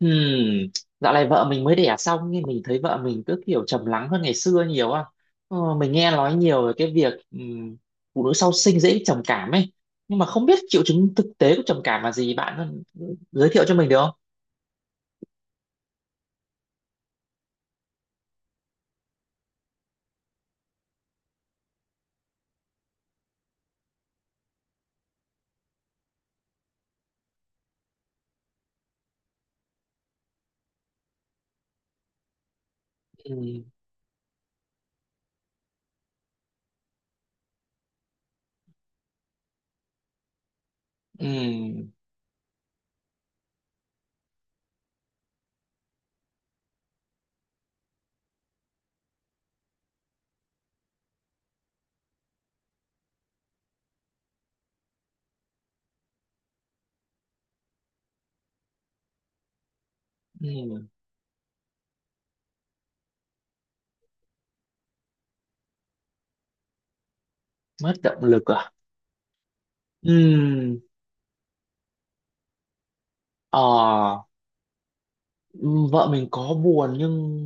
Hmm, Dạo này vợ mình mới đẻ xong, nhưng mình thấy vợ mình cứ kiểu trầm lắng hơn ngày xưa nhiều á. Mình nghe nói nhiều về cái việc phụ nữ sau sinh dễ bị trầm cảm ấy. Nhưng mà không biết triệu chứng thực tế của trầm cảm là gì, bạn giới thiệu cho mình được không? Ừm, ừm, ừm, Mất động lực à? Ừm, ờ Ừ, vợ mình có buồn nhưng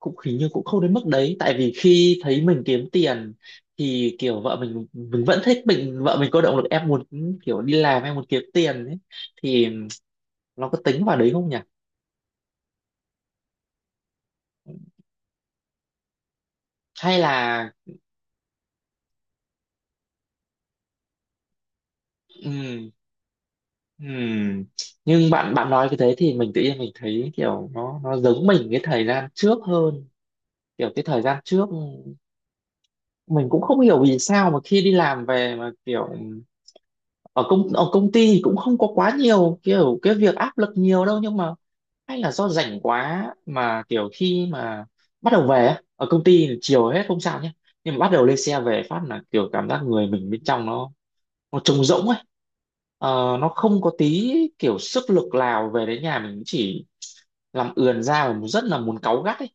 cũng hình như cũng không đến mức đấy, tại vì khi thấy mình kiếm tiền thì kiểu vợ mình vẫn thích mình, vợ mình có động lực, em muốn kiểu đi làm, em muốn kiếm tiền ấy, thì nó có tính vào đấy không nhỉ, hay là ừm, ừm. nhưng bạn bạn nói cái thế thì mình tự nhiên mình thấy kiểu nó giống mình cái thời gian trước hơn, kiểu cái thời gian trước mình cũng không hiểu vì sao mà khi đi làm về mà kiểu ở công ty thì cũng không có quá nhiều kiểu cái việc áp lực nhiều đâu, nhưng mà hay là do rảnh quá mà kiểu khi mà bắt đầu về á, ở công ty thì chiều hết không sao nhé, nhưng mà bắt đầu lên xe về phát là kiểu cảm giác người mình bên trong nó trống rỗng ấy. Nó không có tí kiểu sức lực nào, về đến nhà mình chỉ làm ườn ra và rất là muốn cáu gắt ấy.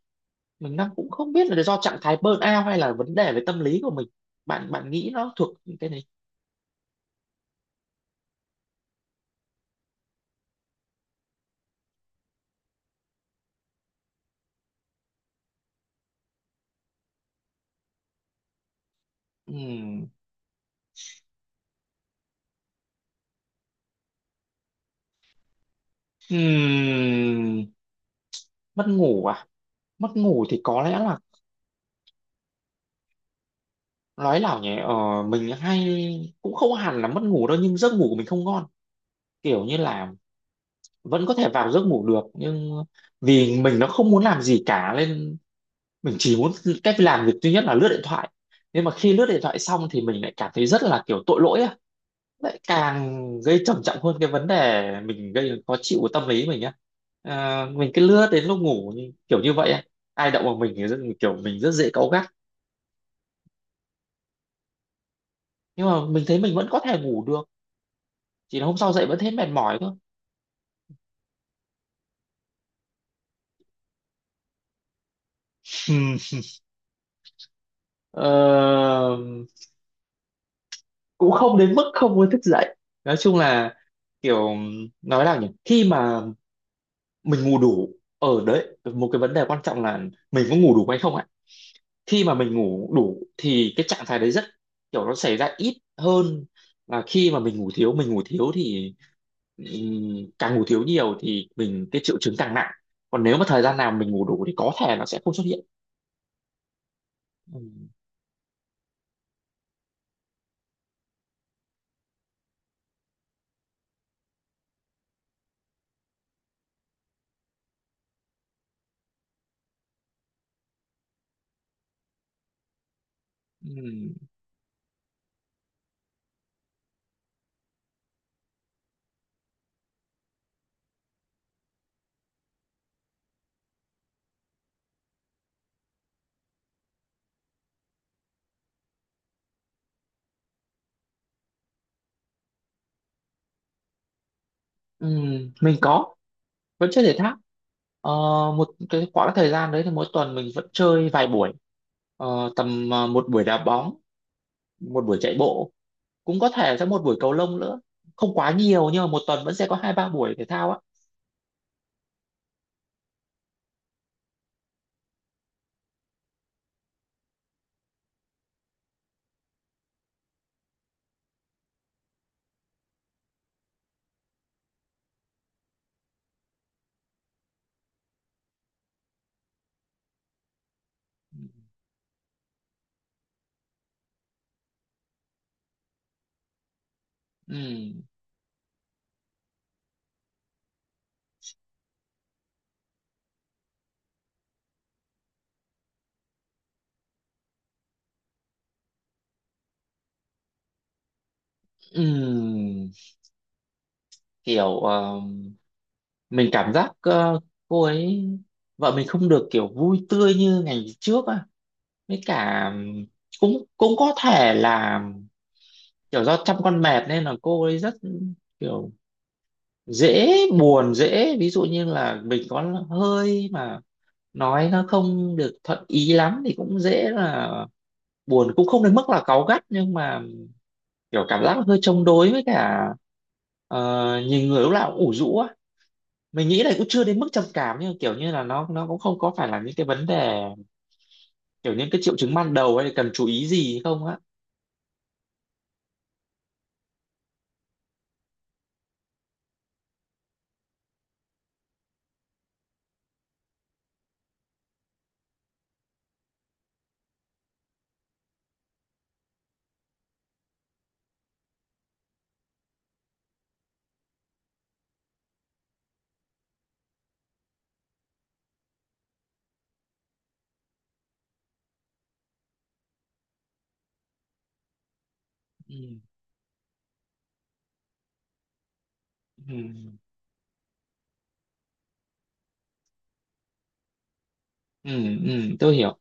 Mình đang cũng không biết là do trạng thái burnout hay là vấn đề về tâm lý của mình, bạn bạn nghĩ nó thuộc cái này? Ừm, Mất ngủ à? Mất ngủ thì có lẽ là, nói là nhỉ, mình hay cũng không hẳn là mất ngủ đâu, nhưng giấc ngủ của mình không ngon. Kiểu như là vẫn có thể vào giấc ngủ được, nhưng vì mình nó không muốn làm gì cả nên mình chỉ muốn cách làm việc duy nhất là lướt điện thoại. Nhưng mà khi lướt điện thoại xong thì mình lại cảm thấy rất là kiểu tội lỗi á, lại càng gây trầm trọng hơn cái vấn đề mình gây khó chịu của tâm lý mình á. À, mình cứ lướt đến lúc ngủ như- kiểu như vậy á, ai động vào mình thì rất, kiểu mình rất dễ cáu gắt, nhưng mà mình thấy mình vẫn có thể ngủ được, chỉ là hôm sau dậy vẫn thấy mệt mỏi thôi. Ừm, ờ, Cũng không đến mức không muốn thức dậy, nói chung là kiểu, nói nào nhỉ, khi mà mình ngủ đủ, ở đấy một cái vấn đề quan trọng là mình có ngủ đủ hay không ạ. Khi mà mình ngủ đủ thì cái trạng thái đấy rất kiểu nó xảy ra ít hơn, là khi mà mình ngủ thiếu thì càng ngủ thiếu nhiều thì mình cái triệu chứng càng nặng, còn nếu mà thời gian nào mình ngủ đủ thì có thể nó sẽ không xuất hiện. Ừm, ừm, mình có, vẫn chơi thể thao. Ờ, Một cái khoảng thời gian đấy thì mỗi tuần mình vẫn chơi vài buổi. Tầm một buổi đá bóng, một buổi chạy bộ, cũng có thể sẽ một buổi cầu lông nữa, không quá nhiều nhưng mà một tuần vẫn sẽ có hai ba buổi thể thao á. Ừm, ừm, Kiểu mình cảm giác cô ấy, vợ mình không được kiểu vui tươi như ngày trước á, với cả cũng cũng có thể là kiểu do chăm con mệt nên là cô ấy rất kiểu dễ buồn, dễ, ví dụ như là mình có hơi mà nói nó không được thuận ý lắm thì cũng dễ là buồn, cũng không đến mức là cáu gắt, nhưng mà kiểu cảm giác hơi chống đối, với cả nhìn người lúc nào cũng ủ rũ á. Mình nghĩ là cũng chưa đến mức trầm cảm nhưng kiểu như là nó cũng không có phải là những cái vấn đề kiểu những cái triệu chứng ban đầu hay là cần chú ý gì không á? Ừ, ừ, ừ, ừ, tôi hiểu.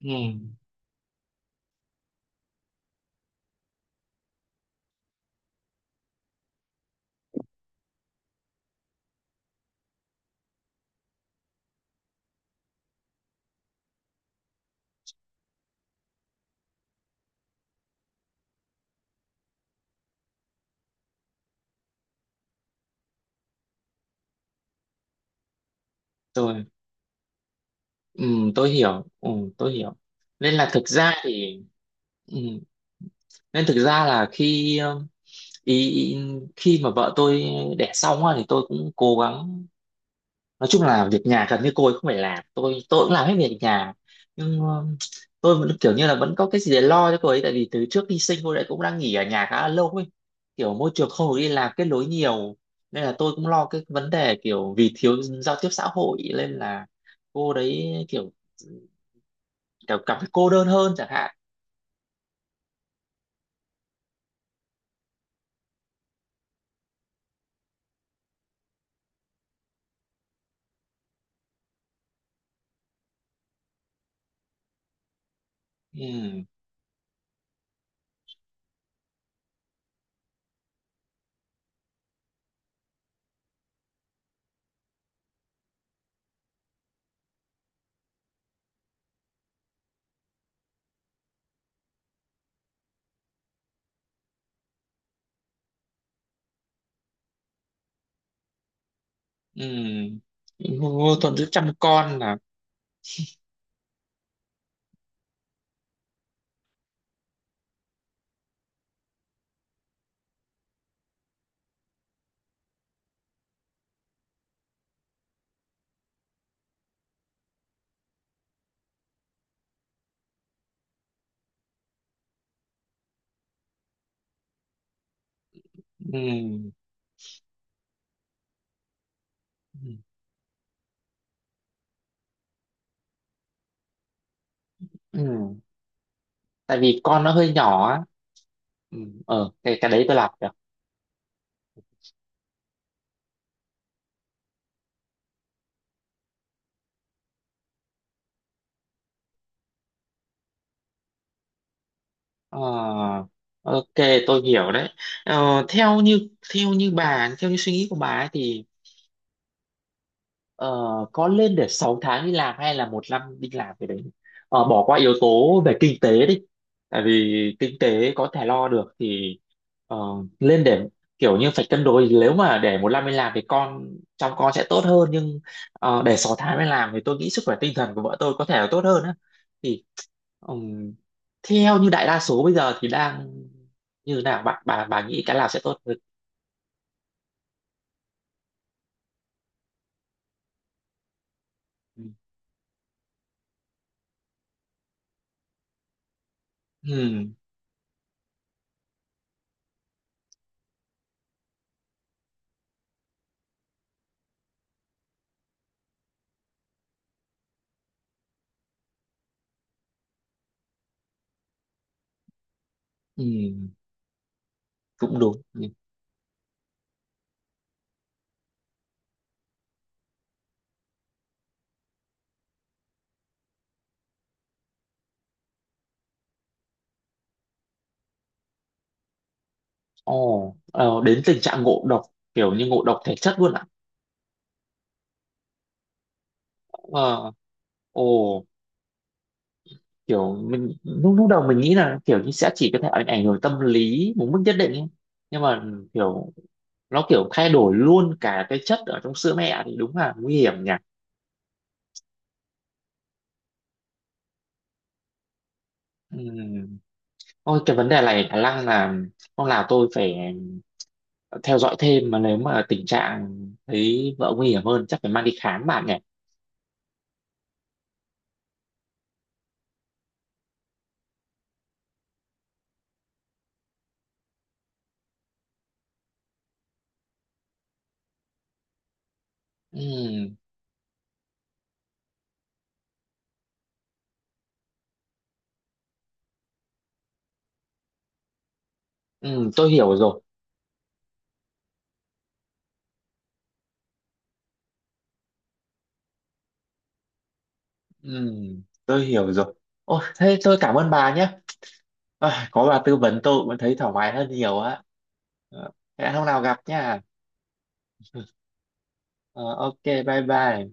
Ừ, tôi ừ, tôi hiểu. Ừ, tôi hiểu. Nên là thực ra thì, ừ, nên thực ra là khi ý, khi mà vợ tôi đẻ xong á thì tôi cũng cố gắng, nói chung là việc nhà gần như cô ấy không phải làm, tôi cũng làm hết việc nhà. Nhưng tôi vẫn kiểu như là vẫn có cái gì để lo cho cô ấy, tại vì từ trước khi sinh cô ấy cũng đang nghỉ ở nhà khá là lâu ấy, kiểu môi trường không được đi làm kết nối nhiều, nên là tôi cũng lo cái vấn đề kiểu vì thiếu giao tiếp xã hội nên là cô đấy kiểu, kiểu cảm thấy cô đơn hơn chẳng hạn. Ừ, ừ, vô thuận giữa chăm con là, ừ, ừ, ừ. Tại vì con nó hơi nhỏ á, ừ, ờ, cái đấy tôi làm được. Ờ, ok, tôi hiểu đấy. Ờ, theo như theo như suy nghĩ của bà ấy thì, Ờ, có lên để 6 tháng đi làm hay là 1 năm đi làm, cái đấy bỏ qua yếu tố về kinh tế đi, tại vì kinh tế có thể lo được. Thì ờ, lên để kiểu như phải cân đối, nếu mà để 1 năm đi làm thì con, trong con sẽ tốt hơn, nhưng để 6 tháng đi làm thì tôi nghĩ sức khỏe tinh thần của vợ tôi có thể là tốt hơn á. Thì ừm, theo như đại đa số bây giờ thì đang như nào, bạn bà nghĩ cái nào sẽ tốt hơn? Ừm, ừm, Cũng đúng. Ồ, đến tình trạng ngộ độc, kiểu như ngộ độc thể chất luôn ạ. Ờ, ồ, Kiểu mình lúc lúc đầu mình nghĩ là kiểu như sẽ chỉ có thể ảnh ảnh hưởng tâm lý một mức nhất định ấy. Nhưng mà kiểu nó kiểu thay đổi luôn cả cái chất ở trong sữa mẹ thì đúng là nguy hiểm nhỉ. Ừm. Ôi, cái vấn đề này khả năng là không, là tôi phải theo dõi thêm, mà nếu mà tình trạng thấy vợ nguy hiểm hơn chắc phải mang đi khám bạn nhỉ. Ừm, tôi hiểu rồi. Ừ, tôi hiểu rồi. Ô, thế tôi cảm ơn bà nhé. À, có bà tư vấn tôi cũng thấy thoải mái hơn nhiều á. Ờ, Hẹn hôm nào gặp nha. Ờ, ok, bye bye.